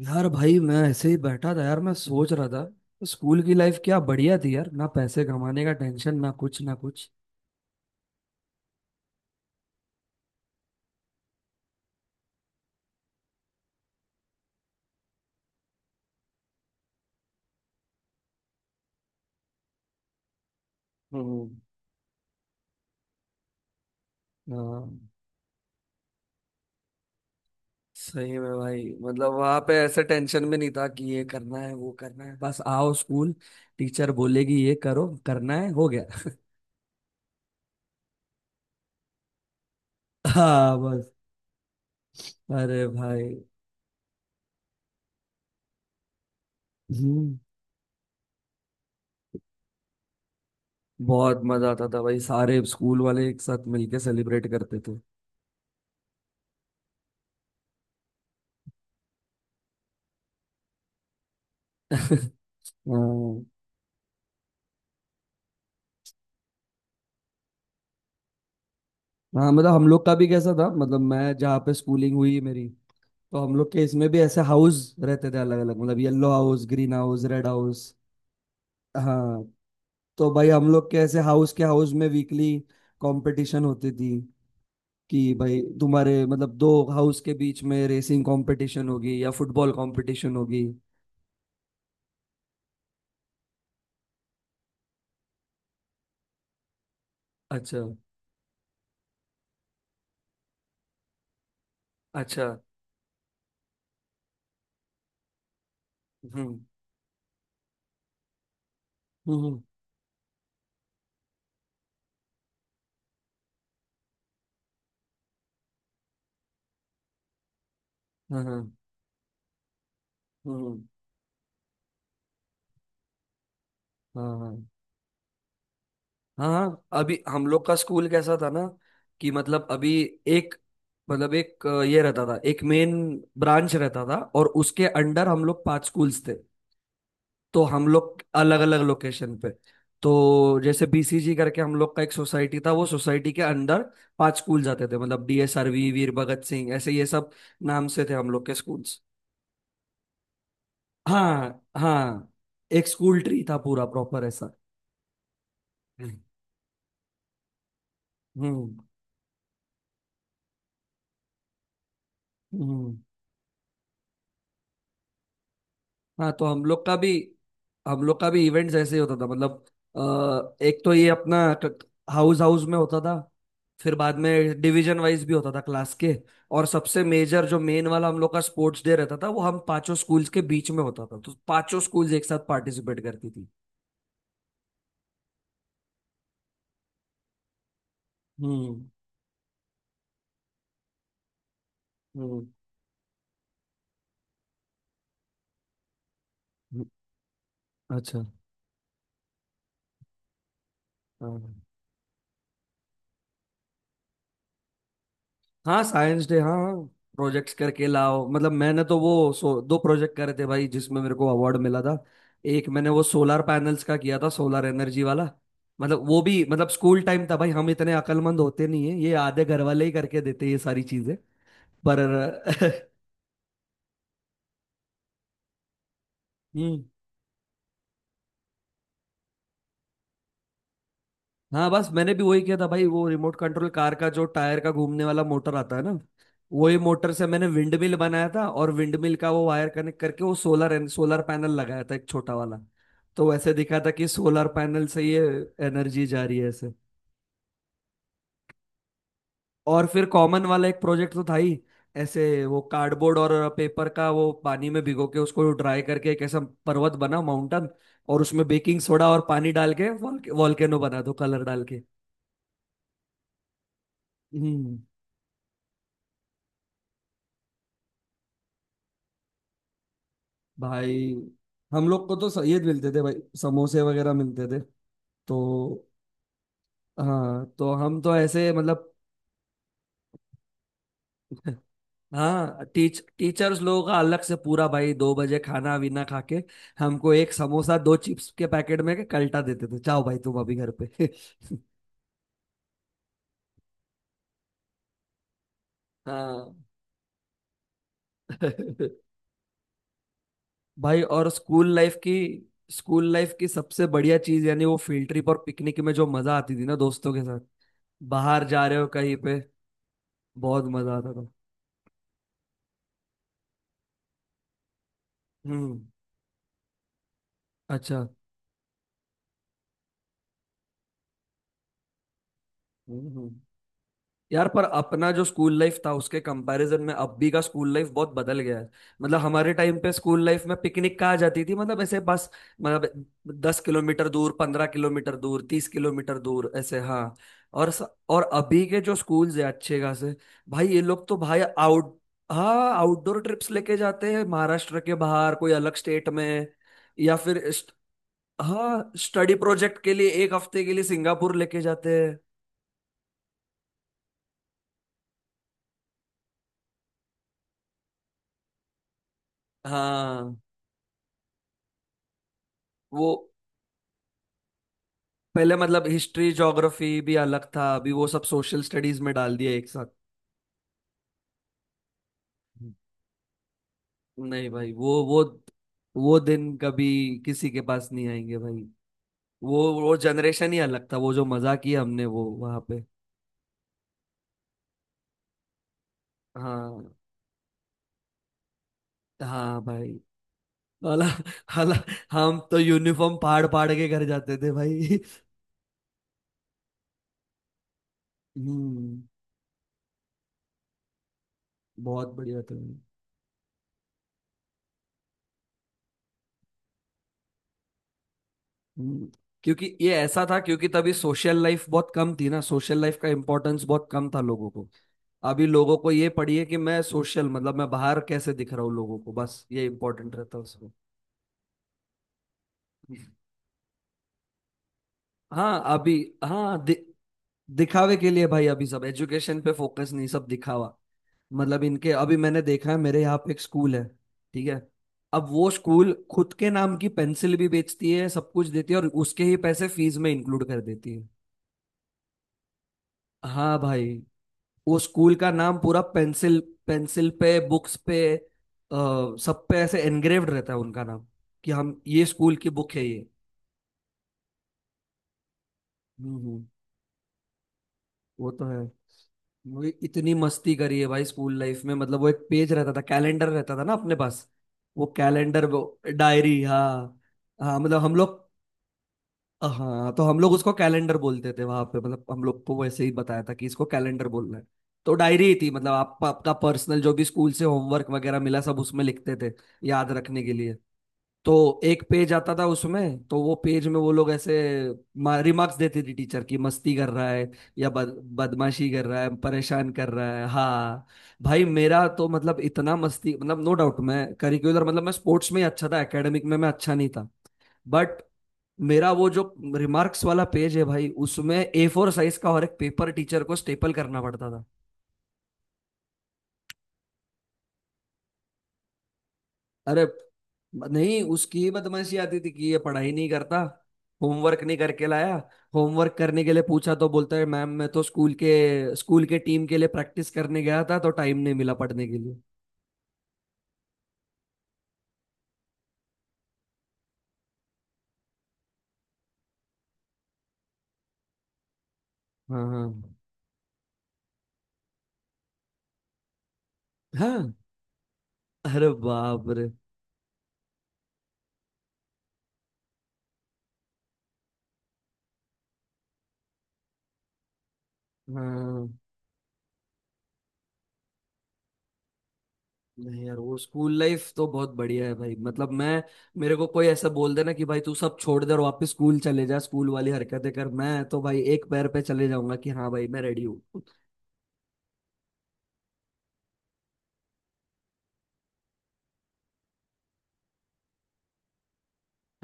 यार भाई, मैं ऐसे ही बैठा था यार। मैं सोच रहा था स्कूल की लाइफ क्या बढ़िया थी यार। ना पैसे कमाने का टेंशन, ना कुछ ना कुछ। हम्म। हाँ, सही में भाई, मतलब वहां पे ऐसे टेंशन भी नहीं था कि ये करना है वो करना है, बस आओ स्कूल। टीचर बोलेगी ये करो, करना है हो गया। हाँ, बस। अरे भाई। हम्म। बहुत मजा आता था भाई। सारे स्कूल वाले एक साथ मिलके सेलिब्रेट करते थे। हाँ हाँ, मतलब हम लोग का भी कैसा था, मतलब मैं जहाँ पे स्कूलिंग हुई मेरी। तो हम लोग के इसमें भी ऐसे हाउस रहते थे अलग अलग। मतलब yellow house, green house, red house. हाँ। तो भाई हम लोग के ऐसे हाउस के हाउस में वीकली कंपटीशन होती थी, कि भाई तुम्हारे मतलब दो हाउस के बीच में रेसिंग कंपटीशन होगी या फुटबॉल कंपटीशन होगी। अच्छा। अच्छा। हम्म। हम्म। हाँ हाँ। हम्म। हाँ हाँ। हाँ हाँ, अभी हम लोग का स्कूल कैसा था ना, कि मतलब अभी एक मतलब एक अ, ये रहता था एक मेन ब्रांच रहता था, और उसके अंडर हम लोग पांच स्कूल्स थे। तो हम लोग अलग अलग लोकेशन पे। तो जैसे बीसीजी करके हम लोग का एक सोसाइटी था, वो सोसाइटी के अंडर पांच स्कूल जाते थे, मतलब डीएसआरवी, वीर भगत सिंह, ऐसे ये सब नाम से थे हम लोग के स्कूल्स। हाँ हाँ। एक स्कूल ट्री था पूरा प्रॉपर ऐसा। हम्म। हम्म। हम्म। हाँ, तो हम लोग का भी इवेंट्स ऐसे ही होता था, मतलब एक तो ये अपना हाउस हाउस में होता था। फिर बाद में डिवीजन वाइज भी होता था क्लास के। और सबसे मेजर जो मेन वाला हम लोग का स्पोर्ट्स डे रहता था, वो हम पांचों स्कूल्स के बीच में होता था, तो पांचों स्कूल्स एक साथ पार्टिसिपेट करती थी। हम्म। हम्म। हम्म, अच्छा। हाँ हाँ, साइंस डे। हाँ। प्रोजेक्ट्स करके लाओ, मतलब मैंने तो वो दो प्रोजेक्ट करे थे भाई, जिसमें मेरे को अवार्ड मिला था। एक मैंने वो सोलर पैनल्स का किया था, सोलर एनर्जी वाला। मतलब वो भी, मतलब स्कूल टाइम था भाई, हम इतने अकलमंद होते नहीं है, ये आधे घर वाले ही करके देते ये सारी चीजें। पर हम्म। हाँ, बस मैंने भी वही किया था भाई, वो रिमोट कंट्रोल कार का जो टायर का घूमने वाला मोटर आता है ना। वही मोटर से मैंने विंड मिल बनाया था, और विंड मिल का वो वायर कनेक्ट करके वो सोलर सोलर पैनल लगाया था, एक छोटा वाला। तो वैसे दिखा था कि सोलर पैनल से ये एनर्जी जा रही है ऐसे। और फिर कॉमन वाला एक प्रोजेक्ट तो था ही। ऐसे वो कार्डबोर्ड और पेपर का, वो पानी में भिगो के उसको ड्राई करके एक ऐसा पर्वत बना, माउंटेन। और उसमें बेकिंग सोडा और पानी डाल के वॉल्केनो बना दो, कलर डाल के। हम्म। भाई, हम लोग को तो ये मिलते थे भाई, समोसे वगैरह मिलते थे। तो, हाँ, तो हम तो ऐसे, मतलब। हाँ, टीचर्स लोगों का अलग से पूरा भाई, 2 बजे खाना वीना खा के। हमको एक समोसा, दो चिप्स के पैकेट में के कल्टा देते थे, जाओ भाई तुम अभी घर पे। हाँ। भाई, और स्कूल लाइफ की सबसे बढ़िया चीज यानी वो फील्ड ट्रिप और पिकनिक में जो मजा आती थी ना, दोस्तों के साथ। बाहर जा रहे हो कहीं पे। बहुत मजा आता था। हम्म। अच्छा। हम्म। यार, पर अपना जो स्कूल लाइफ था, उसके कंपैरिजन में अभी का स्कूल लाइफ बहुत बदल गया है। मतलब हमारे टाइम पे स्कूल लाइफ में पिकनिक कहाँ जाती थी, मतलब ऐसे बस। मतलब 10 किलोमीटर दूर, 15 किलोमीटर दूर, 30 किलोमीटर दूर, ऐसे। हाँ। और स, और अभी के जो स्कूल्स है अच्छे खासे। भाई, ये लोग तो भाई आउट हाँ, आउटडोर ट्रिप्स लेके जाते हैं, महाराष्ट्र के बाहर कोई अलग स्टेट में। या फिर हाँ, स्टडी प्रोजेक्ट के लिए एक हफ्ते के लिए सिंगापुर लेके जाते हैं। हाँ। वो पहले मतलब हिस्ट्री ज्योग्राफी भी अलग था, अभी वो सब सोशल स्टडीज में डाल दिया एक साथ। नहीं भाई, वो दिन कभी किसी के पास नहीं आएंगे भाई। वो जनरेशन ही अलग था, वो जो मजा किया हमने वो वहां पे। हाँ हाँ भाई। हाला। हाला। हम तो यूनिफॉर्म फाड़ फाड़ के घर जाते थे भाई। हम्म। बहुत बढ़िया था। हम्म, क्योंकि ये ऐसा था, क्योंकि तभी सोशल लाइफ बहुत कम थी ना, सोशल लाइफ का इम्पोर्टेंस बहुत कम था लोगों को। अभी लोगों को ये पढ़िए कि मैं सोशल, मतलब मैं बाहर कैसे दिख रहा हूँ लोगों को, बस ये इम्पोर्टेंट रहता है उसमें। हाँ, अभी। हाँ, दिखावे के लिए भाई, अभी सब एजुकेशन पे फोकस नहीं, सब दिखावा। मतलब इनके अभी मैंने देखा है, मेरे यहाँ पे एक स्कूल है। ठीक है। अब वो स्कूल खुद के नाम की पेंसिल भी बेचती है, सब कुछ देती है और उसके ही पैसे फीस में इंक्लूड कर देती है। हाँ भाई, वो स्कूल का नाम पूरा पेंसिल। पेंसिल पे, बुक्स पे, सब पे ऐसे एनग्रेव्ड रहता है उनका नाम। कि हम ये स्कूल की बुक है ये। हम्म। वो तो है। वो इतनी मस्ती करी है भाई स्कूल लाइफ में। मतलब वो एक पेज रहता था, कैलेंडर रहता था ना अपने पास। वो कैलेंडर, वो डायरी। हाँ हाँ, मतलब हम लोग। हाँ, तो हम लोग उसको कैलेंडर बोलते थे वहां पे। मतलब हम लोग को वैसे ही बताया था कि इसको कैलेंडर बोलना है। तो डायरी ही थी, मतलब आप आपका पर्सनल जो भी स्कूल से होमवर्क वगैरह मिला, सब उसमें लिखते थे। याद रखने के लिए। तो एक पेज आता था उसमें, तो वो पेज में वो लोग ऐसे रिमार्क्स देते थे, टीचर की मस्ती कर रहा है। या बदमाशी कर रहा है, परेशान कर रहा है। हाँ। भाई, मेरा तो मतलब इतना मस्ती, मतलब नो डाउट, मैं करिकुलर, मतलब मैं स्पोर्ट्स में ही अच्छा था, एकेडमिक में मैं अच्छा नहीं था। बट मेरा वो जो रिमार्क्स वाला पेज है भाई, उसमें A4 साइज का और एक पेपर टीचर को स्टेपल करना पड़ता था। अरे नहीं, उसकी ही बदमाशी आती थी कि ये पढ़ाई नहीं करता। होमवर्क नहीं करके लाया। होमवर्क करने के लिए पूछा तो बोलता है मैम, मैं तो स्कूल के टीम के लिए प्रैक्टिस करने गया था, तो टाइम नहीं मिला पढ़ने के लिए। हाँ हाँ। हाँ, अरे बाप रे। हाँ। नहीं यार, वो स्कूल लाइफ तो बहुत बढ़िया है भाई, मतलब मैं। मेरे को कोई ऐसा बोल देना कि भाई तू सब छोड़ दे और वापस स्कूल चले जा, स्कूल वाली हरकतें कर, मैं तो भाई एक पैर पे चले जाऊंगा कि हाँ भाई मैं रेडी हूँ।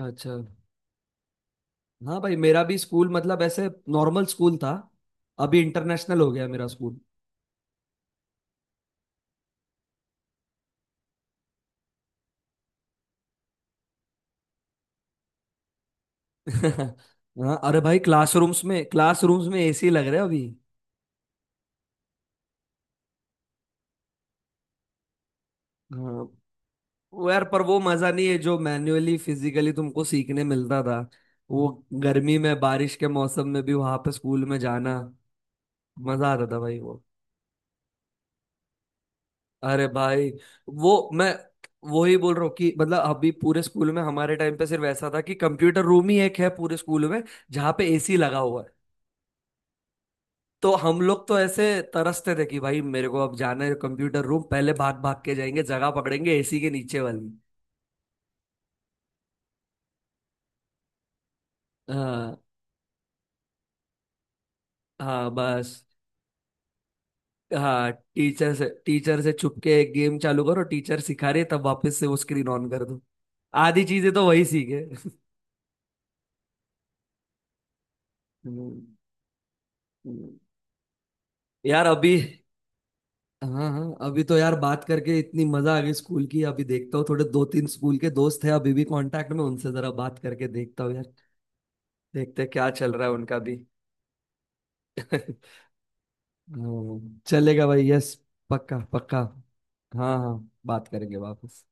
अच्छा। हाँ भाई, मेरा भी स्कूल मतलब ऐसे नॉर्मल स्कूल था। अभी इंटरनेशनल हो गया मेरा स्कूल। हाँ, अरे भाई, क्लासरूम्स में एसी लग रहे हैं अभी। हाँ। वो यार, पर वो मजा नहीं है जो मैन्युअली फिजिकली तुमको सीखने मिलता था। वो गर्मी में, बारिश के मौसम में भी वहां पे स्कूल में जाना मजा आता था भाई वो। अरे भाई, वो मैं वही बोल रहा हूँ कि मतलब अभी पूरे स्कूल में, हमारे टाइम पे सिर्फ ऐसा था कि कंप्यूटर रूम ही एक है पूरे स्कूल में। जहाँ पे एसी लगा हुआ है। तो हम लोग तो ऐसे तरसते थे कि भाई मेरे को अब जाना है कंप्यूटर रूम, पहले भाग भाग के जाएंगे, जगह पकड़ेंगे एसी के नीचे वाली। हाँ हाँ, बस। हाँ, टीचर से छुप के एक गेम चालू करो, टीचर सिखा रही है, तब वापस से वो स्क्रीन ऑन कर दो। आधी चीजें तो वही सीखे। हम्म। हम्म। यार, अभी। हाँ हाँ, अभी तो यार बात करके इतनी मजा आ गई स्कूल की। अभी देखता हूँ, थोड़े दो तीन स्कूल के दोस्त हैं अभी भी कांटेक्ट में, उनसे जरा बात करके देखता हूँ यार। देखते हैं क्या चल रहा है उनका भी। चलेगा भाई। यस। पक्का पक्का। हाँ हाँ, बात करेंगे वापस।